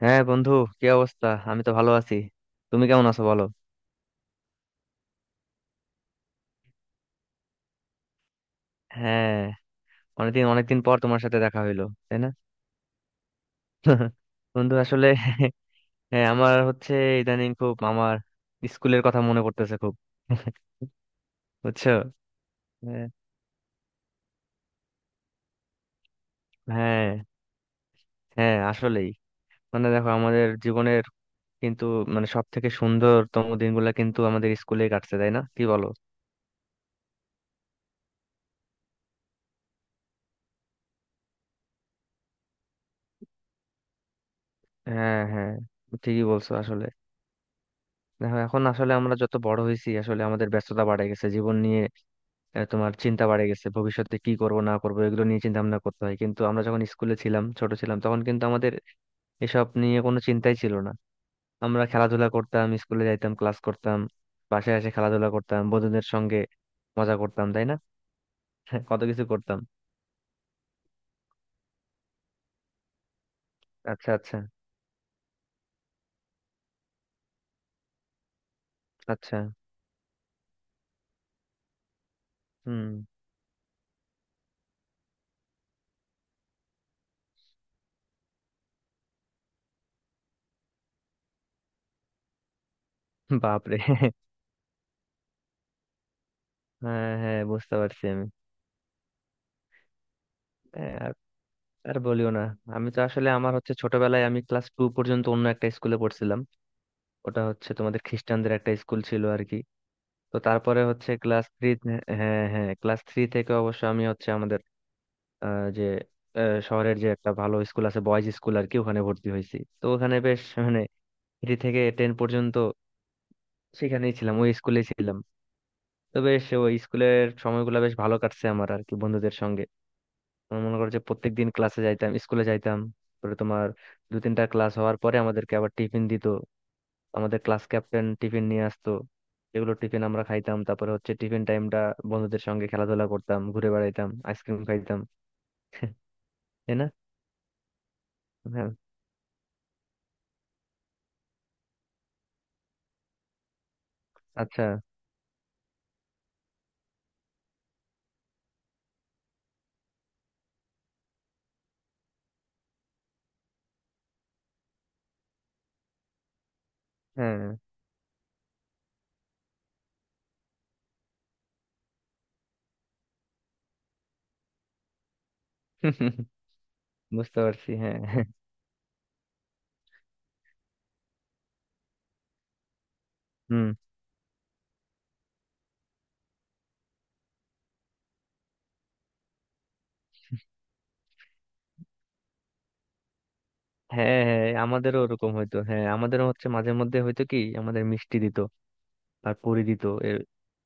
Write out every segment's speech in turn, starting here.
হ্যাঁ বন্ধু। কি অবস্থা, আমি তো ভালো আছি। তুমি কেমন আছো বলো। হ্যাঁ, অনেকদিন অনেকদিন পর তোমার সাথে দেখা হইলো তাই না। বন্ধু আসলে হ্যাঁ, আমার হচ্ছে ইদানিং খুব আমার স্কুলের কথা মনে পড়তেছে খুব। বুঝছো। হ্যাঁ। হ্যাঁ, হ্যাঁ, আসলেই মানে দেখো আমাদের জীবনের কিন্তু মানে সব থেকে সুন্দরতম দিনগুলো কিন্তু আমাদের স্কুলে কাটছে, তাই না, কি বলো। হ্যাঁ হ্যাঁ ঠিকই বলছো আসলে। দেখো এখন আসলে আমরা যত বড় হয়েছি আসলে আমাদের ব্যস্ততা বাড়ে গেছে জীবন নিয়ে। তোমার চিন্তা বাড়ে গেছে ভবিষ্যতে কি করব না করব এগুলো নিয়ে চিন্তা ভাবনা করতে হয়, কিন্তু আমরা যখন স্কুলে ছিলাম, ছোট ছিলাম, তখন কিন্তু আমাদের এসব নিয়ে কোনো চিন্তাই ছিল না। আমরা খেলাধুলা করতাম, স্কুলে যাইতাম, ক্লাস করতাম, বাসায় এসে খেলাধুলা করতাম বন্ধুদের সঙ্গে, মজা করতাম, তাই না। কত কিছু করতাম। আচ্ছা আচ্ছা আচ্ছা। হুম। বাপরে। হ্যাঁ হ্যাঁ বুঝতে পারছি আমি। হ্যাঁ, আর আর বলিও না। আমি তো আসলে আমার হচ্ছে ছোটবেলায় আমি ক্লাস টু পর্যন্ত অন্য একটা স্কুলে পড়ছিলাম। ওটা হচ্ছে তোমাদের খ্রিস্টানদের একটা স্কুল ছিল আর কি। তো তারপরে হচ্ছে ক্লাস থ্রি, হ্যাঁ হ্যাঁ, ক্লাস থ্রি থেকে অবশ্য আমি হচ্ছে আমাদের আহ, যে শহরের যে একটা ভালো স্কুল আছে, বয়েজ স্কুল আর কি, ওখানে ভর্তি হয়েছি। তো ওখানে বেশ মানে থ্রি থেকে টেন পর্যন্ত সেখানেই ছিলাম, ওই স্কুলে ছিলাম। তো বেশ ওই স্কুলের সময়গুলো বেশ ভালো কাটছে আমার আর কি বন্ধুদের সঙ্গে। আমার মনে করো যে প্রত্যেক দিন ক্লাসে যাইতাম, স্কুলে যাইতাম। তারপরে তোমার দু তিনটা ক্লাস হওয়ার পরে আমাদেরকে আবার টিফিন দিত। আমাদের ক্লাস ক্যাপ্টেন টিফিন নিয়ে আসতো। এগুলো টিফিন আমরা খাইতাম। তারপরে হচ্ছে টিফিন টাইমটা বন্ধুদের সঙ্গে খেলাধুলা করতাম, ঘুরে বেড়াইতাম, আইসক্রিম খাইতাম। তাই না। হ্যাঁ। আচ্ছা। হ্যাঁ। বুঝতে পারছি। হ্যাঁ। হুম। হ্যাঁ হ্যাঁ আমাদেরও ওরকম হইতো। হ্যাঁ আমাদেরও হচ্ছে মাঝে মধ্যে হয়তো কি আমাদের মিষ্টি দিত আর পুরি দিত। এ-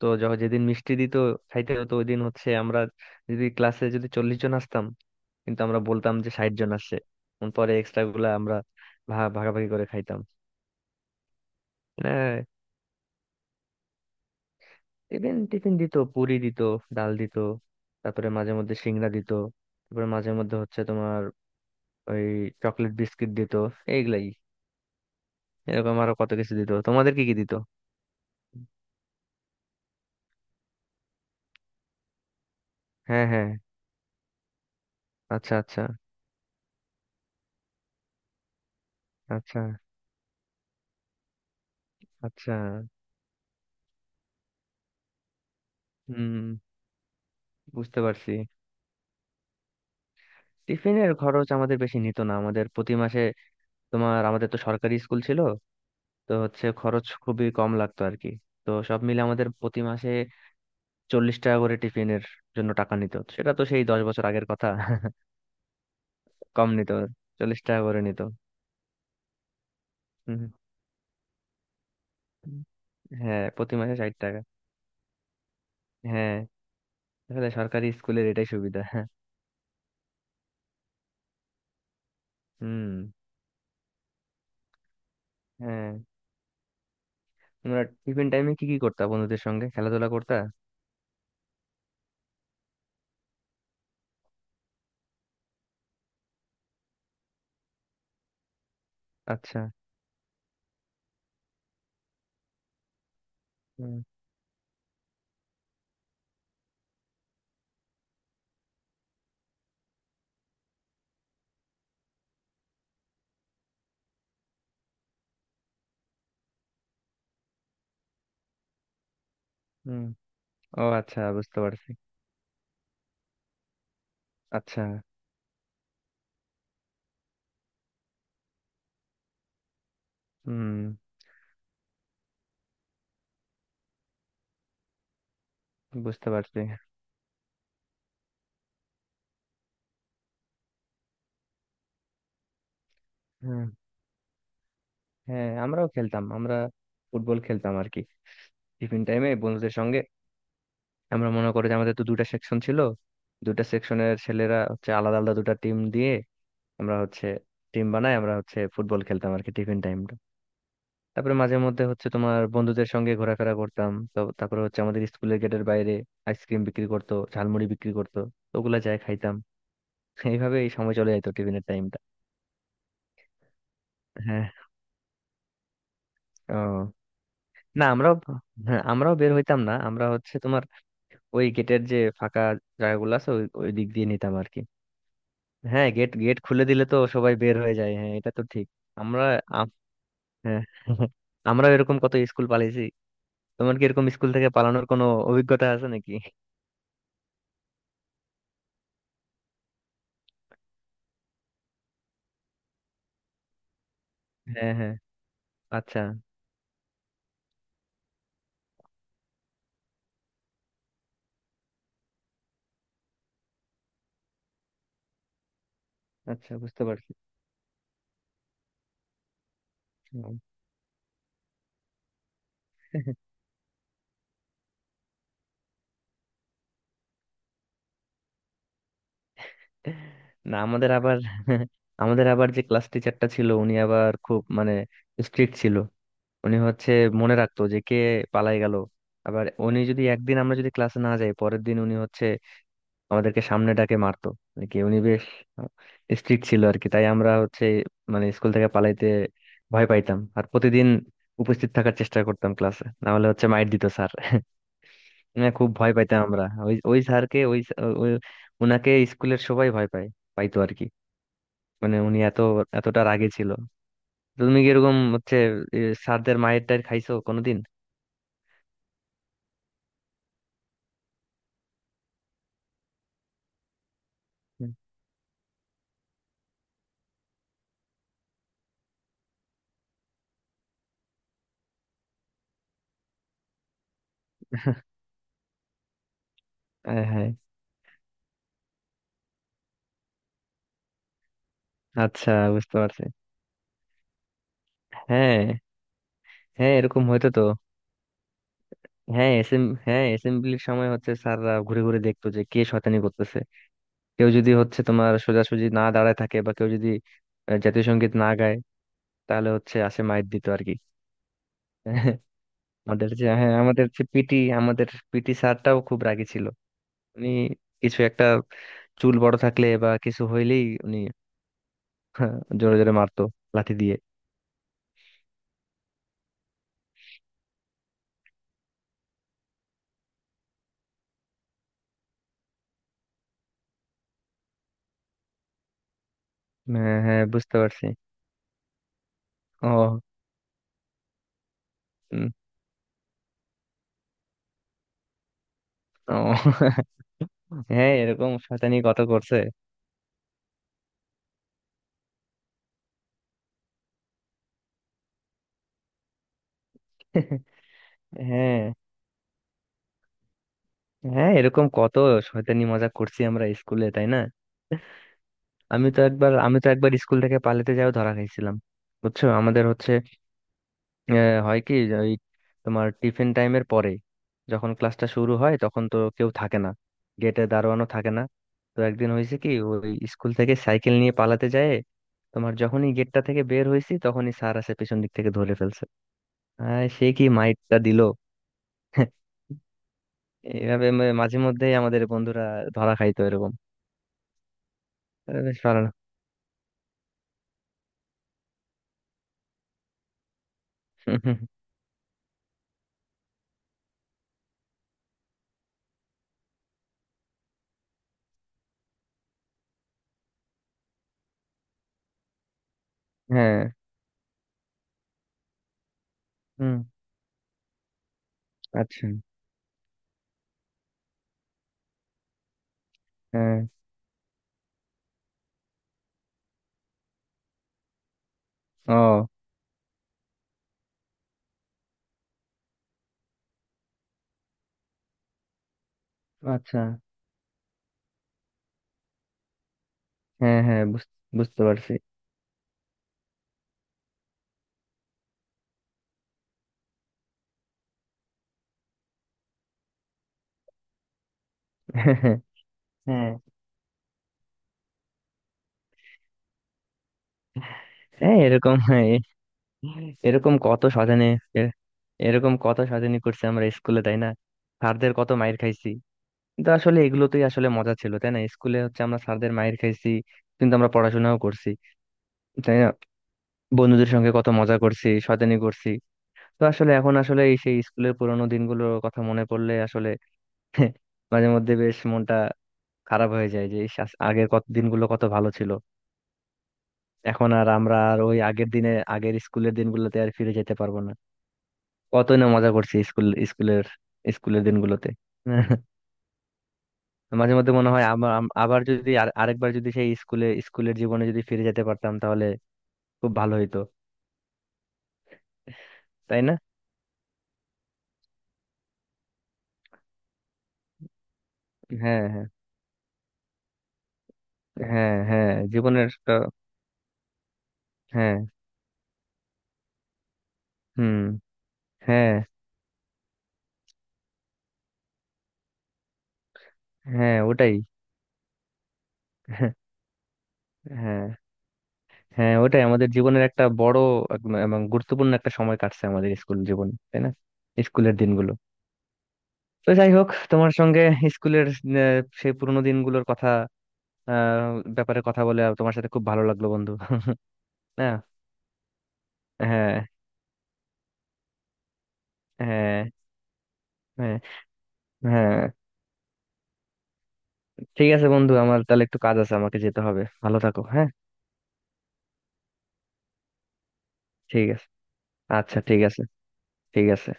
তো যখন যেদিন মিষ্টি দিত খাইতে হতো ওই দিন হচ্ছে আমরা যদি ক্লাসে যদি 40 জন আসতাম, কিন্তু আমরা বলতাম যে 60 জন আসছে। পরে এক্সট্রা গুলা আমরা ভাগাভাগি করে খাইতাম। হ্যাঁ। টিফিন, টিফিন দিত, পুরি দিত, ডাল দিত। তারপরে মাঝে মধ্যে সিংড়া দিত। তারপরে মাঝে মধ্যে হচ্ছে তোমার ওই চকলেট বিস্কিট দিত। এইগুলাই। এরকম আরো কত কিছু দিত, তোমাদের কি কি দিত। হ্যাঁ হ্যাঁ। আচ্ছা আচ্ছা আচ্ছা আচ্ছা। হুম। বুঝতে পারছি। টিফিনের খরচ আমাদের বেশি নিত না। আমাদের প্রতি মাসে তোমার, আমাদের তো সরকারি স্কুল ছিল, তো হচ্ছে খরচ খুবই কম লাগতো আর কি। তো সব মিলে আমাদের প্রতি মাসে 40 টাকা করে টিফিনের জন্য টাকা নিত। সেটা তো সেই 10 বছর আগের কথা। কম নিত, 40 টাকা করে নিত। হুম, হ্যাঁ প্রতি মাসে 60 টাকা। হ্যাঁ, তাহলে সরকারি স্কুলের এটাই সুবিধা। হুম। হ্যাঁ। তোমরা টিফিন টাইমে কি কি করতা, বন্ধুদের সঙ্গে খেলাধুলা করতা। আচ্ছা। হুম। হুম। ও আচ্ছা, বুঝতে পারছি। আচ্ছা। হুম। বুঝতে পারছি। হুম। হ্যাঁ আমরাও খেলতাম। আমরা ফুটবল খেলতাম আর কি টিফিন টাইমে বন্ধুদের সঙ্গে। আমরা মনে করি যে আমাদের তো দুইটা সেকশন ছিল, দুইটা সেকশনের ছেলেরা হচ্ছে আলাদা আলাদা দুটা টিম দিয়ে আমরা হচ্ছে টিম বানাই, আমরা হচ্ছে ফুটবল খেলতাম আর কি টিফিন টাইমটা। তারপরে মাঝে মধ্যে হচ্ছে তোমার বন্ধুদের সঙ্গে ঘোরাফেরা করতাম। তো তারপরে হচ্ছে আমাদের স্কুলের গেটের বাইরে আইসক্রিম বিক্রি করতো, ঝালমুড়ি বিক্রি করতো, তো ওগুলা যাই খাইতাম। এইভাবে এই সময় চলে যেত টিফিনের টাইমটা। হ্যাঁ। ও না আমরাও, হ্যাঁ আমরাও বের হইতাম না। আমরা হচ্ছে তোমার ওই গেটের যে ফাঁকা জায়গাগুলো আছে ওই ওই দিক দিয়ে নিতাম আর কি। হ্যাঁ, গেট গেট খুলে দিলে তো সবাই বের হয়ে যায়, হ্যাঁ এটা তো ঠিক। আমরা আম- হ্যাঁ। আমরা এরকম কত স্কুল পালিয়েছি। তোমার কি এরকম স্কুল থেকে পালানোর কোনো অভিজ্ঞতা আছে নাকি। হ্যাঁ হ্যাঁ। আচ্ছা আচ্ছা বুঝতে পারছি। হুম। না আমাদের আবার আমাদের আবার যে ক্লাস টিচারটা ছিল উনি আবার খুব মানে স্ট্রিক্ট ছিল। উনি হচ্ছে মনে রাখতো যে কে পালাই গেল। আবার উনি যদি একদিন, আমরা যদি ক্লাসে না যাই পরের দিন উনি হচ্ছে আমাদেরকে সামনে ডাকে মারতো। মানে কি উনি বেশ স্ট্রিক্ট ছিল আর কি। তাই আমরা হচ্ছে মানে স্কুল থেকে পালাইতে ভয় পাইতাম আর প্রতিদিন উপস্থিত থাকার চেষ্টা করতাম ক্লাসে, না হলে হচ্ছে মাইর দিত স্যার। না, খুব ভয় পাইতাম আমরা ওই ওই স্যারকে ওই ওই উনাকে স্কুলের সবাই ভয় পায়, পাইতো আর কি। মানে উনি এত এতটা রাগে ছিল। তো তুমি কি এরকম হচ্ছে এ, স্যারদের মায়ের টায়ের খাইছো কোনোদিন। হ্যাঁ হ্যাঁ। আচ্ছা বুঝতে পারছি। হ্যাঁ হ্যাঁ এরকম হয়তো তো। হ্যাঁ হ্যাঁ অ্যাসেম্বলির সময় হচ্ছে স্যাররা ঘুরে ঘুরে দেখতো যে কে শয়তানি করতেছে, কেউ যদি হচ্ছে তোমার সোজাসুজি না দাঁড়ায় থাকে বা কেউ যদি জাতীয় সঙ্গীত না গায়, তাহলে হচ্ছে আসে মাইর দিত আর কি। আমাদের যে, হ্যাঁ আমাদের যে পিটি আমাদের পিটি স্যারটাও খুব রাগী ছিল। উনি কিছু একটা, চুল বড় থাকলে বা কিছু হইলেই উনি, হ্যাঁ, জোরে জোরে মারতো লাঠি দিয়ে। হ্যাঁ হ্যাঁ বুঝতে পারছি। ও। উম, ও। হ্যাঁ এরকম শয়তানি কত করছে। হ্যাঁ হ্যাঁ এরকম কত শয়তানি, মজা করছি আমরা স্কুলে তাই না। আমি তো একবার, আমি তো একবার স্কুল থেকে পালাতে যাও ধরা খাইছিলাম। বুঝছো আমাদের হচ্ছে হয় কি যে ওই তোমার টিফিন টাইমের পরে যখন ক্লাসটা শুরু হয় তখন তো কেউ থাকে না, গেটে দারোয়ানও থাকে না। তো একদিন হয়েছে কি ওই স্কুল থেকে সাইকেল নিয়ে পালাতে যায়, তোমার যখনই গেটটা থেকে বের হয়েছি তখনই স্যার আসে পেছন দিক থেকে ধরে ফেলছে। সে কি মাইটটা দিল। এইভাবে মাঝে মধ্যেই আমাদের বন্ধুরা ধরা খাইতো এরকম। আরে বেশ ভালো না। হ্যাঁ। হুম। আচ্ছা। হ্যাঁ। ও আচ্ছা। হ্যাঁ হ্যাঁ বুঝতে পারছি। হ্যাঁ হ্যাঁ এরকম, হ্যাঁ, এরকম কত সাজানি, এ- এরকম কত সাজানি করছে আমরা স্কুলে তাই না। স্যারদের কত মাইর খাইছি, কিন্তু আসলে এগুলোতেই আসলে মজা ছিল তাই না। স্কুলে হচ্ছে আমরা স্যারদের মাইর খাইছি কিন্তু আমরা পড়াশোনাও করছি, তাই না। বন্ধুদের সঙ্গে কত মজা করছি, শয়তানি করছি। তো আসলে এখন আসলে এই সেই স্কুলের পুরোনো দিনগুলোর কথা মনে পড়লে আসলে মাঝে মধ্যে বেশ মনটা খারাপ হয়ে যায় যে ইস, আগের কত দিনগুলো কত ভালো ছিল। এখন আর আমরা আর ওই আগের দিনে, আগের স্কুলের দিনগুলোতে আর ফিরে যেতে পারবো না। কতই না মজা করছি স্কুলের স্কুলের দিনগুলোতে। মাঝে মধ্যে মনে হয় আবার, আবার যদি আর আরেকবার যদি সেই স্কুলে, স্কুলের জীবনে যদি ফিরে যেতে পারতাম তাহলে খুব ভালো হইতো। তাই না। হ্যাঁ হ্যাঁ। হ্যাঁ হ্যাঁ জীবনের একটা, হ্যাঁ। হুম। হ্যাঁ হ্যাঁ ওটাই। হ্যাঁ। হ্যাঁ ওটাই আমাদের জীবনের একটা বড়, এবং গুরুত্বপূর্ণ একটা সময় কাটছে আমাদের স্কুল জীবন তাই না, স্কুলের দিনগুলো। তো যাই হোক, তোমার সঙ্গে স্কুলের সেই পুরোনো দিনগুলোর কথা আহ ব্যাপারে কথা বলে আর তোমার সাথে খুব ভালো লাগলো বন্ধু। হ্যাঁ হ্যাঁ হ্যাঁ হ্যাঁ হ্যাঁ। ঠিক আছে বন্ধু, আমার তাহলে একটু কাজ আছে, আমাকে যেতে হবে, ভালো থাকো। হ্যাঁ, ঠিক আছে। আচ্ছা ঠিক আছে। ঠিক আছে।